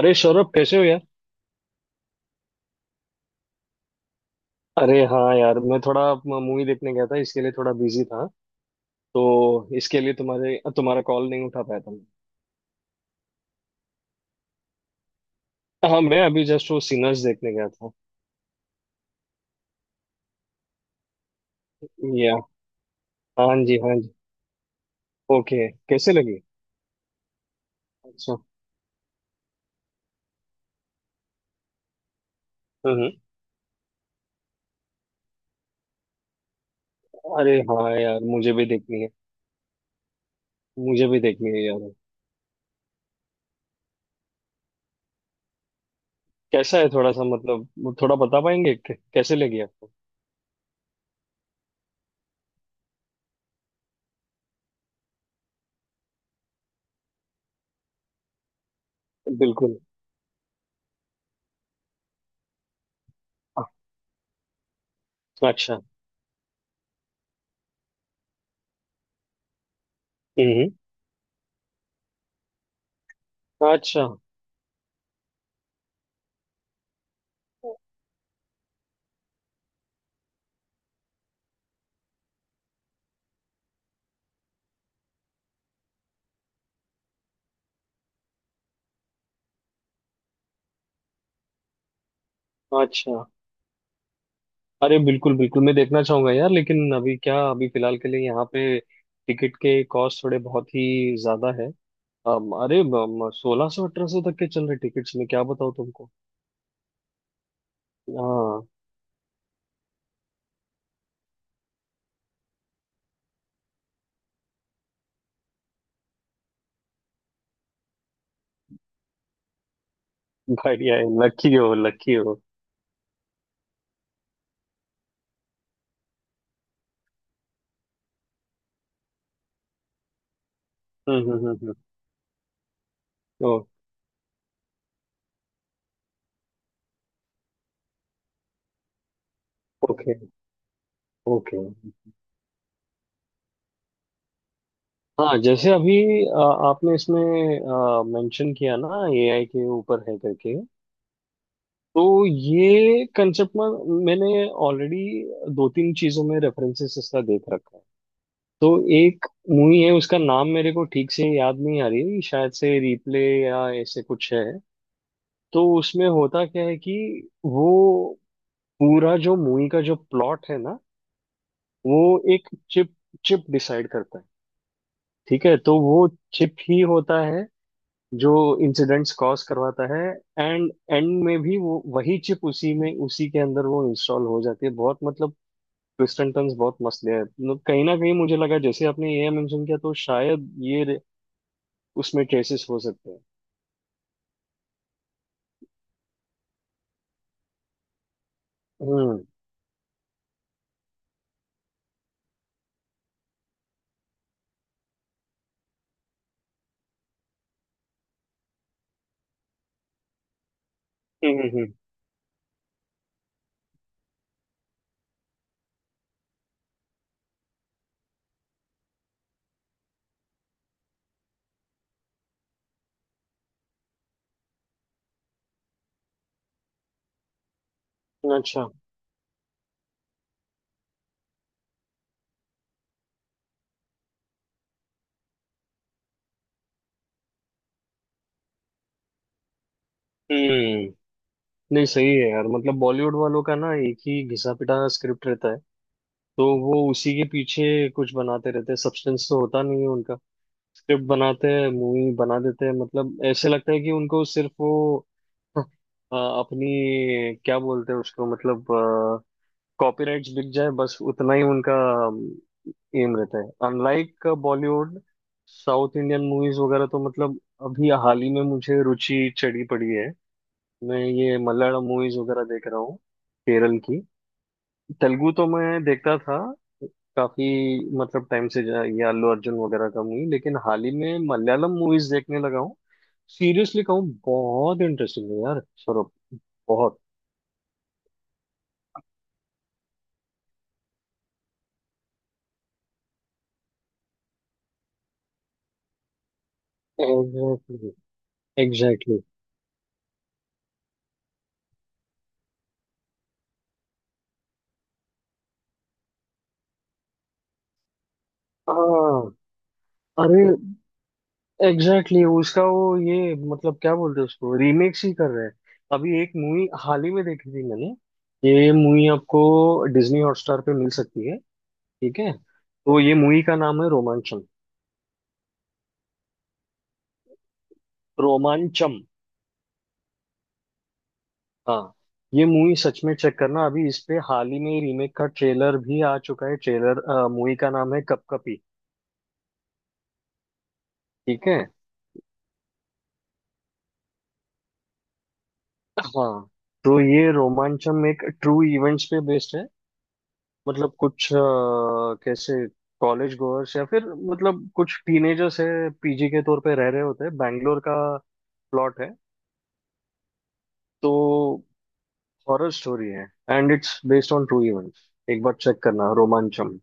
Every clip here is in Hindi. अरे सौरभ, कैसे हो यार? अरे हाँ यार, मैं थोड़ा मूवी देखने गया था, इसके लिए थोड़ा बिजी था। तो इसके लिए तुम्हारे तुम्हारा कॉल नहीं उठा पाया था मैं। हाँ, मैं अभी जस्ट वो सिनर्स देखने गया था। या। हाँ जी, हाँ जी। ओके, कैसे लगी? अच्छा। हम्म। अरे हाँ यार, मुझे भी देखनी है, मुझे भी देखनी है यार। कैसा है, थोड़ा सा मतलब थोड़ा बता पाएंगे कैसे लगी आपको? बिल्कुल। अच्छा। हम्म। हम्म। अच्छा। अच्छा। अरे बिल्कुल बिल्कुल, मैं देखना चाहूंगा यार, लेकिन अभी क्या, अभी फिलहाल के लिए यहाँ पे टिकट के कॉस्ट थोड़े बहुत ही ज्यादा है। अरे, 1,600 1,800 तक के चल रहे टिकट्स, में क्या बताऊँ तुमको। हाँ। बढ़िया है, लकी हो, लकी हो। हम्म, हम्म, हम्म, हम्म। ओ। Okay, okay. हाँ, जैसे अभी अ, आपने इसमें मेंशन किया ना एआई के ऊपर है करके। तो ये कंसेप्ट में मैंने ऑलरेडी दो तीन चीजों में रेफरेंसेस इसका देख रखा है। तो एक मूवी है, उसका नाम मेरे को ठीक से याद नहीं आ रही, शायद से रिप्ले या ऐसे कुछ है। तो उसमें होता क्या है कि वो पूरा जो मूवी का जो प्लॉट है ना, वो एक चिप चिप डिसाइड करता है। ठीक है, तो वो चिप ही होता है जो इंसिडेंट्स कॉज करवाता है। एंड एंड में भी वो वही चिप उसी में उसी के अंदर वो इंस्टॉल हो जाती है। बहुत मतलब ट्विस्ट एंड टर्न्स बहुत मस्त है। मतलब कहीं ना कहीं मुझे लगा जैसे आपने ये मेंशन किया तो शायद ये उसमें केसेस हो सकते हैं। हम्म, हम्म, हम्म। अच्छा। हम्म। नहीं सही है यार, मतलब बॉलीवुड वालों का ना एक ही घिसा पिटा स्क्रिप्ट रहता है। तो वो उसी के पीछे कुछ बनाते रहते हैं, सब्सटेंस तो होता नहीं है उनका। स्क्रिप्ट बनाते हैं, मूवी बना देते हैं। मतलब ऐसे लगता है कि उनको सिर्फ वो अपनी क्या बोलते हैं उसको, मतलब कॉपीराइट्स बिक जाए, बस उतना ही उनका एम रहता है। Unlike Bollywood, South Indian movies वगैरह तो मतलब अभी हाल ही में मुझे रुचि चढ़ी पड़ी है। मैं ये मलयालम मूवीज वगैरह देख रहा हूँ, केरल की। तेलुगु तो मैं देखता था काफी, मतलब टाइम से ये अल्लू अर्जुन वगैरह का मूवी, लेकिन हाल ही में मलयालम मूवीज देखने लगा हूँ। सीरियसली कहूँ, बहुत इंटरेस्टिंग है यार सौरभ। बहुत एग्जैक्टली, एग्जैक्टली। हाँ। अरे एग्जैक्टली, exactly, उसका वो ये मतलब क्या बोलते हैं उसको, रीमेक्स ही कर रहे हैं। अभी एक मूवी हाल ही में देखी थी मैंने। ये मूवी आपको डिज्नी हॉटस्टार पे मिल सकती है। ठीक है, तो ये मूवी का नाम है रोमांचम। रोमांचम। हाँ। ये मूवी सच में चेक करना, अभी इस पे हाल ही में रीमेक का ट्रेलर भी आ चुका है। ट्रेलर, मूवी का नाम है कपकपी। ठीक है। हाँ, तो ये रोमांचम एक ट्रू इवेंट्स पे बेस्ड है। मतलब कुछ कैसे कॉलेज गोअर्स या फिर मतलब कुछ टीनेजर्स है, पीजी के तौर पे रह रहे होते हैं, बैंगलोर का प्लॉट है। तो हॉरर स्टोरी है and it's based on true events, एक बार चेक करना रोमांचम।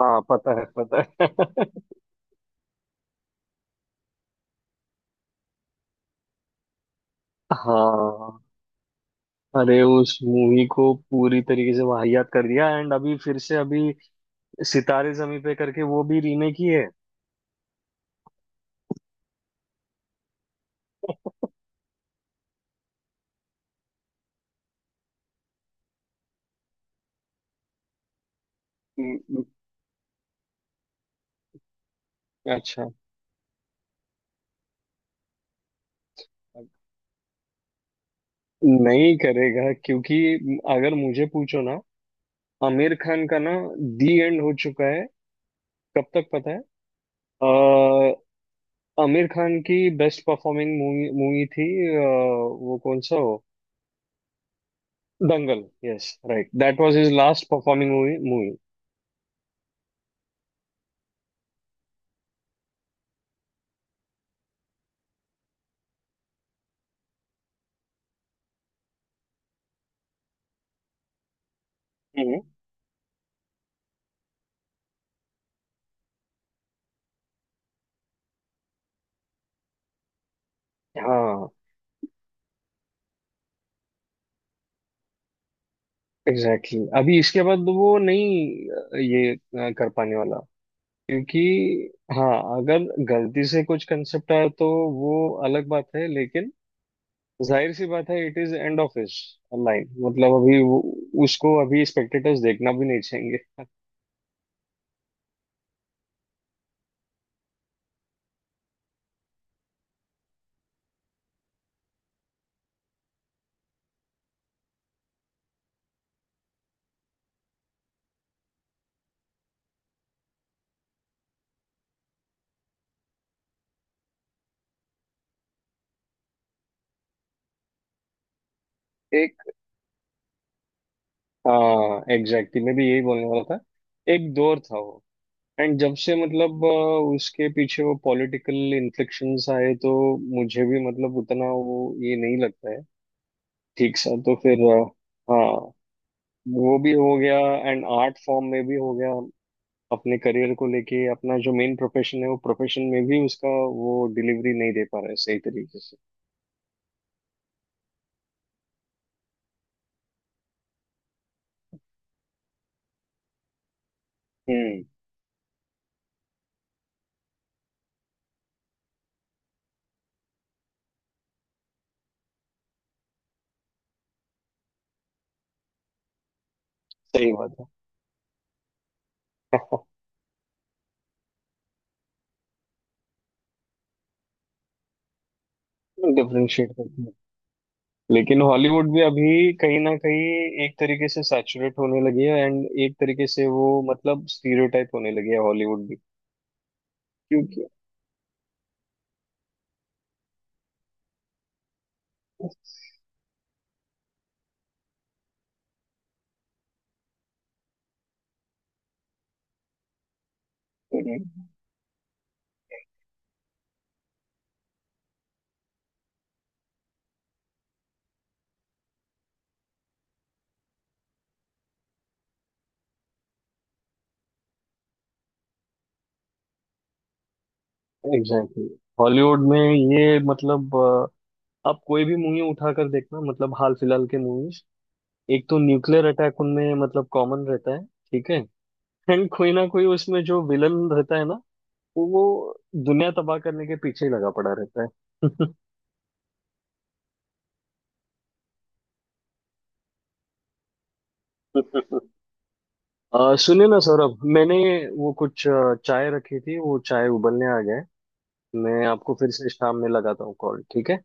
हाँ, पता है, पता है। हाँ, अरे उस मूवी को पूरी तरीके से वाहियात कर दिया, एंड अभी फिर से अभी सितारे जमी पे करके वो भी रीमेक ही है। हम्म। अच्छा। नहीं करेगा, क्योंकि अगर मुझे पूछो ना, आमिर खान का ना दी एंड हो चुका है। कब तक पता है? अ, आमिर खान की बेस्ट परफॉर्मिंग मूवी मूवी थी। अ, वो कौन सा हो? Dangal. Yes right, that was his last performing movie movie. Hmm. हाँ एग्जैक्टली, exactly. अभी इसके बाद वो नहीं ये कर पाने वाला, क्योंकि, हाँ, अगर गलती से कुछ कंसेप्ट आया तो वो अलग बात है, लेकिन जाहिर सी बात है, इट इज एंड ऑफ इस लाइन, मतलब अभी वो, उसको अभी स्पेक्टेटर्स देखना भी नहीं चाहेंगे। एक हाँ एग्जैक्टली, मैं भी यही बोलने वाला था। एक दौर था वो। एंड जब से मतलब उसके पीछे वो पॉलिटिकल इन्फ्लेक्शंस आए, तो मुझे भी मतलब उतना वो, ये नहीं लगता है ठीक सा, तो फिर हाँ, वो भी हो गया। एंड आर्ट फॉर्म में भी हो गया। अपने करियर को लेके, अपना जो मेन प्रोफेशन है वो प्रोफेशन में भी उसका, वो डिलीवरी नहीं दे पा रहा है सही तरीके से। हम्म। सही बात है। डिफरेंशिएट करते हैं, लेकिन हॉलीवुड भी अभी कहीं ना कहीं एक तरीके से सैचुरेट होने लगी है, एंड एक तरीके से वो मतलब स्टीरियोटाइप होने लगी है हॉलीवुड भी, क्योंकि एग्जैक्टली। हॉलीवुड में ये मतलब आप कोई भी मूवी उठाकर देखना मतलब हाल फिलहाल के मूवीज। एक तो न्यूक्लियर अटैक उनमें मतलब कॉमन रहता है, ठीक है। एंड कोई ना कोई उसमें जो विलन रहता है ना, वो दुनिया तबाह करने के पीछे ही लगा पड़ा रहता है। सुनिए ना सौरभ, मैंने वो कुछ चाय रखी थी, वो चाय उबलने आ गए। मैं आपको फिर से शाम में लगाता हूँ कॉल, ठीक है।